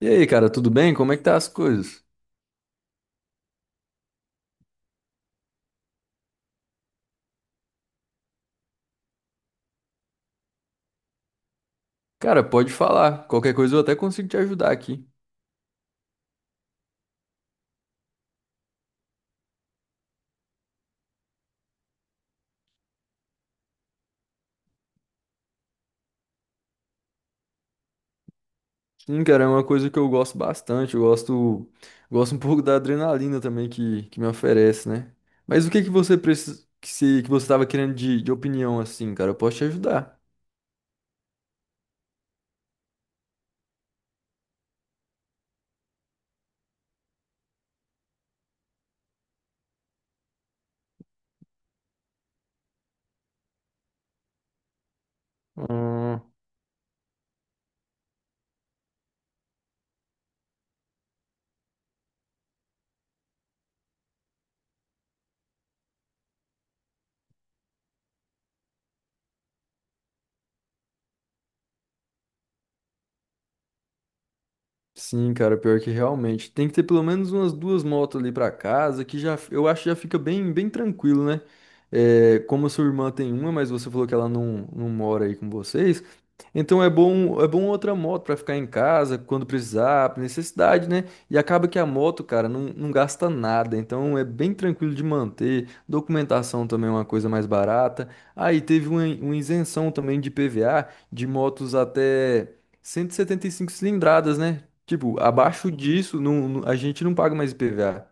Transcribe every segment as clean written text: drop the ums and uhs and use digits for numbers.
E aí, cara, tudo bem? Como é que tá as coisas? Cara, pode falar. Qualquer coisa eu até consigo te ajudar aqui. Sim, cara, é uma coisa que eu gosto bastante. Eu gosto, um pouco da adrenalina também que me oferece, né? Mas o que que você precisa, que, se, que você tava querendo de opinião assim, cara? Eu posso te ajudar. Hum, sim, cara, pior que realmente. Tem que ter pelo menos umas duas motos ali pra casa, que já eu acho que já fica bem, bem tranquilo, né? É, como a sua irmã tem uma, mas você falou que ela não mora aí com vocês. Então é bom outra moto para ficar em casa quando precisar, por necessidade, né? E acaba que a moto, cara, não gasta nada, então é bem tranquilo de manter. Documentação também é uma coisa mais barata. Aí teve uma isenção também de PVA de motos até cento e setenta e cinco cilindradas, né? Tipo, abaixo disso, a gente não paga mais IPVA.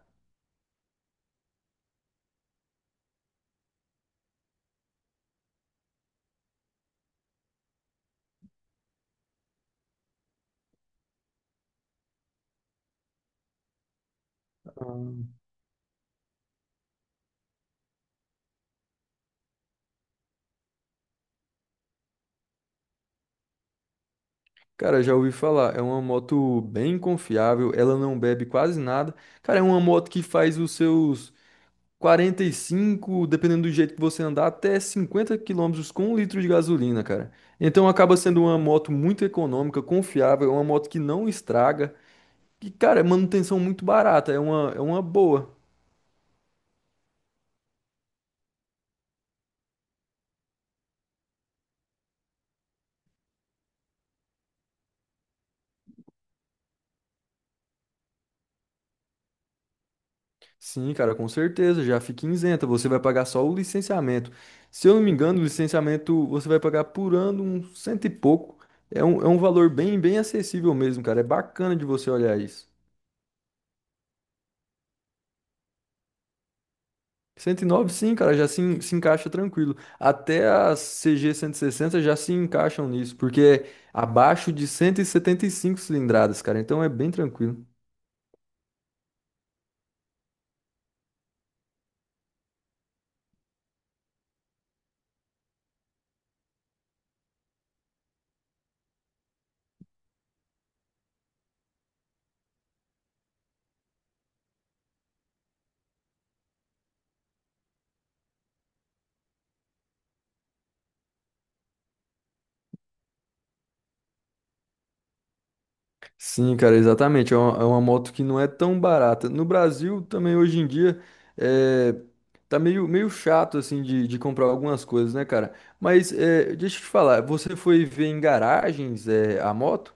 Cara, já ouvi falar, é uma moto bem confiável, ela não bebe quase nada. Cara, é uma moto que faz os seus 45 dependendo do jeito que você andar, até 50 km com um litro de gasolina, cara. Então acaba sendo uma moto muito econômica, confiável, é uma moto que não estraga. E, cara, é manutenção muito barata, é uma boa. Sim, cara, com certeza, já fica isenta. Você vai pagar só o licenciamento. Se eu não me engano, o licenciamento você vai pagar por ano um cento e pouco. É um valor bem, bem acessível mesmo, cara. É bacana de você olhar isso. 109, sim, cara, já se, en- se encaixa tranquilo. Até as CG 160 já se encaixam nisso, porque é abaixo de 175 cilindradas, cara, então é bem tranquilo. Sim, cara, exatamente. É uma moto que não é tão barata. No Brasil, também hoje em dia, é, tá meio, meio chato, assim, de comprar algumas coisas, né, cara? Mas é, deixa eu te falar, você foi ver em garagens, é, a moto?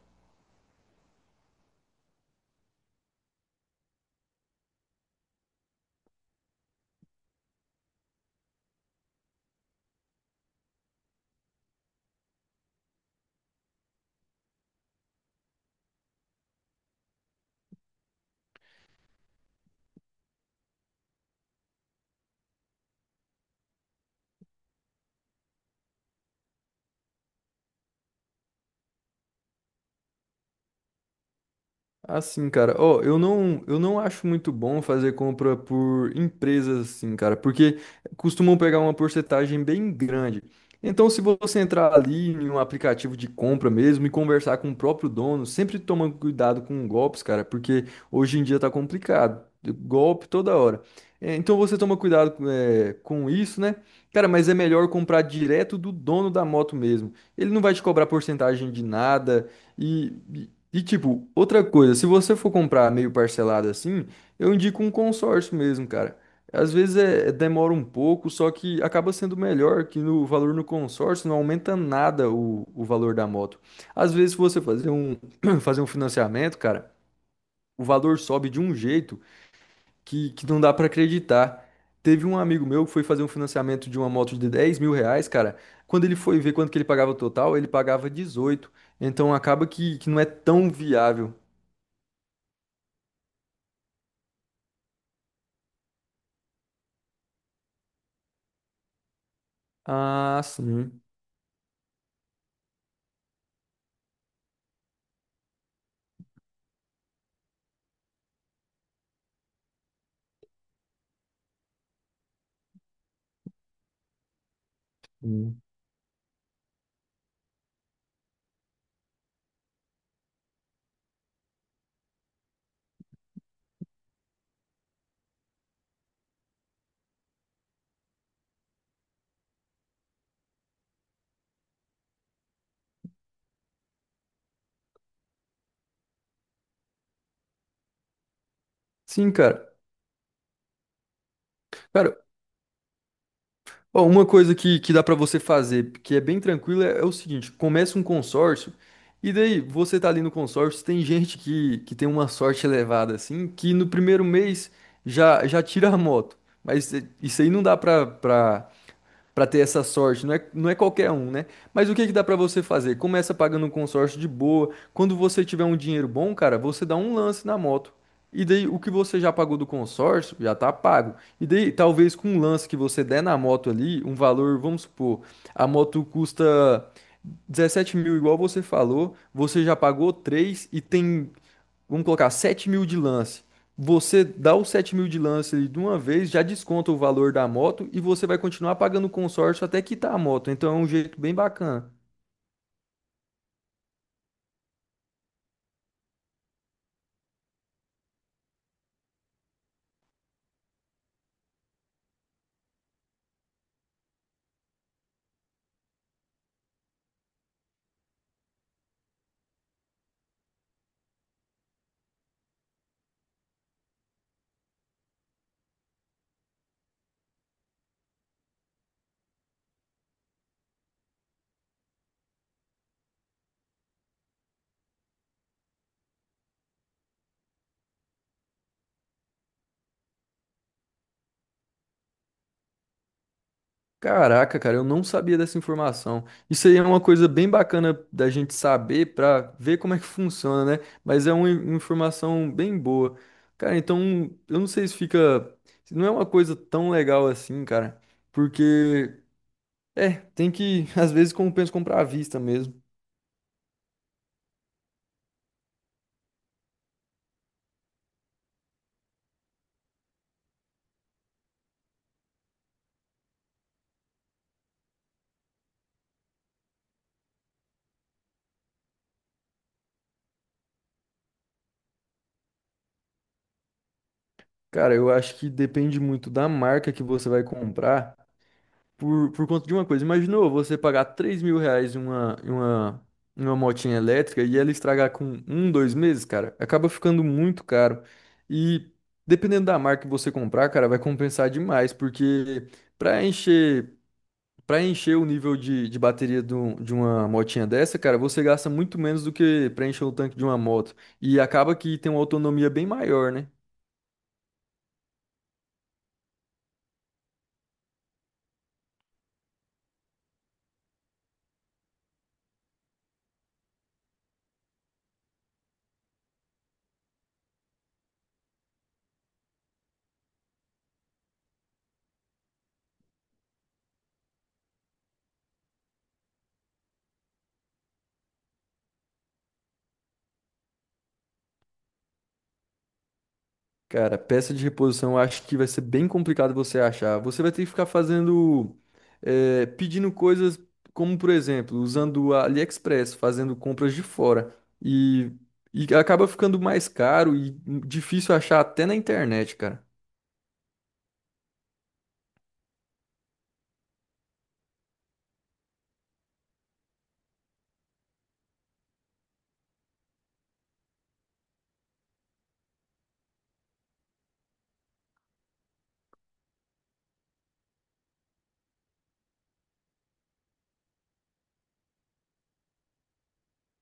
Assim, cara, ó, eu não acho muito bom fazer compra por empresas assim, cara, porque costumam pegar uma porcentagem bem grande. Então, se você entrar ali em um aplicativo de compra mesmo e conversar com o próprio dono, sempre toma cuidado com golpes, cara, porque hoje em dia tá complicado. Golpe toda hora. É, então você toma cuidado com é, com isso, né? Cara, mas é melhor comprar direto do dono da moto mesmo. Ele não vai te cobrar porcentagem de nada. E, e tipo, outra coisa, se você for comprar meio parcelado assim, eu indico um consórcio mesmo, cara. Às vezes demora um pouco, só que acaba sendo melhor que no valor no consórcio não aumenta nada o valor da moto. Às vezes, se você fazer um, fazer um financiamento, cara, o valor sobe de um jeito que não dá pra acreditar. Teve um amigo meu que foi fazer um financiamento de uma moto de R$ 10.000, cara. Quando ele foi ver quanto que ele pagava o total, ele pagava 18 mil. Então acaba que não é tão viável. Ah, sim. Sim, sim, cara. Cara, ó, uma coisa que dá pra você fazer, que é bem tranquilo, é o seguinte: começa um consórcio, e daí você tá ali no consórcio, tem gente que tem uma sorte elevada, assim, que no primeiro mês já tira a moto. Mas isso aí não dá pra, pra para ter essa sorte. Não é qualquer um, né? Mas o que que dá para você fazer? Começa pagando um consórcio de boa. Quando você tiver um dinheiro bom, cara, você dá um lance na moto. E daí o que você já pagou do consórcio já tá pago. E daí talvez com um lance que você der na moto ali, um valor, vamos supor, a moto custa 17 mil, igual você falou, você já pagou 3 mil e tem vamos colocar 7 mil de lance. Você dá os 7 mil de lance ali de uma vez, já desconta o valor da moto e você vai continuar pagando o consórcio até quitar a moto. Então é um jeito bem bacana. Caraca, cara, eu não sabia dessa informação. Isso aí é uma coisa bem bacana da gente saber para ver como é que funciona, né? Mas é uma informação bem boa. Cara, então eu não sei se fica. Se Não é uma coisa tão legal assim, cara. Porque, é, tem que, às vezes, compensa comprar à vista mesmo. Cara, eu acho que depende muito da marca que você vai comprar por conta de uma coisa. Imaginou você pagar R$ 3.000 em uma motinha elétrica e ela estragar com um, dois meses, cara? Acaba ficando muito caro. E dependendo da marca que você comprar, cara, vai compensar demais, porque para encher, para encher o nível de bateria de uma motinha dessa, cara, você gasta muito menos do que para encher o tanque de uma moto. E acaba que tem uma autonomia bem maior, né? Cara, peça de reposição eu acho que vai ser bem complicado você achar. Você vai ter que ficar fazendo, pedindo coisas como, por exemplo, usando a AliExpress, fazendo compras de fora. E, e acaba ficando mais caro e difícil achar até na internet, cara.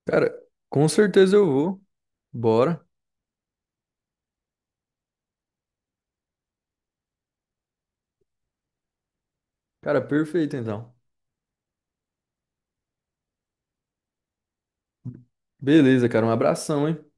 Cara, com certeza eu vou. Bora. Cara, perfeito então. Beleza, cara, um abração, hein?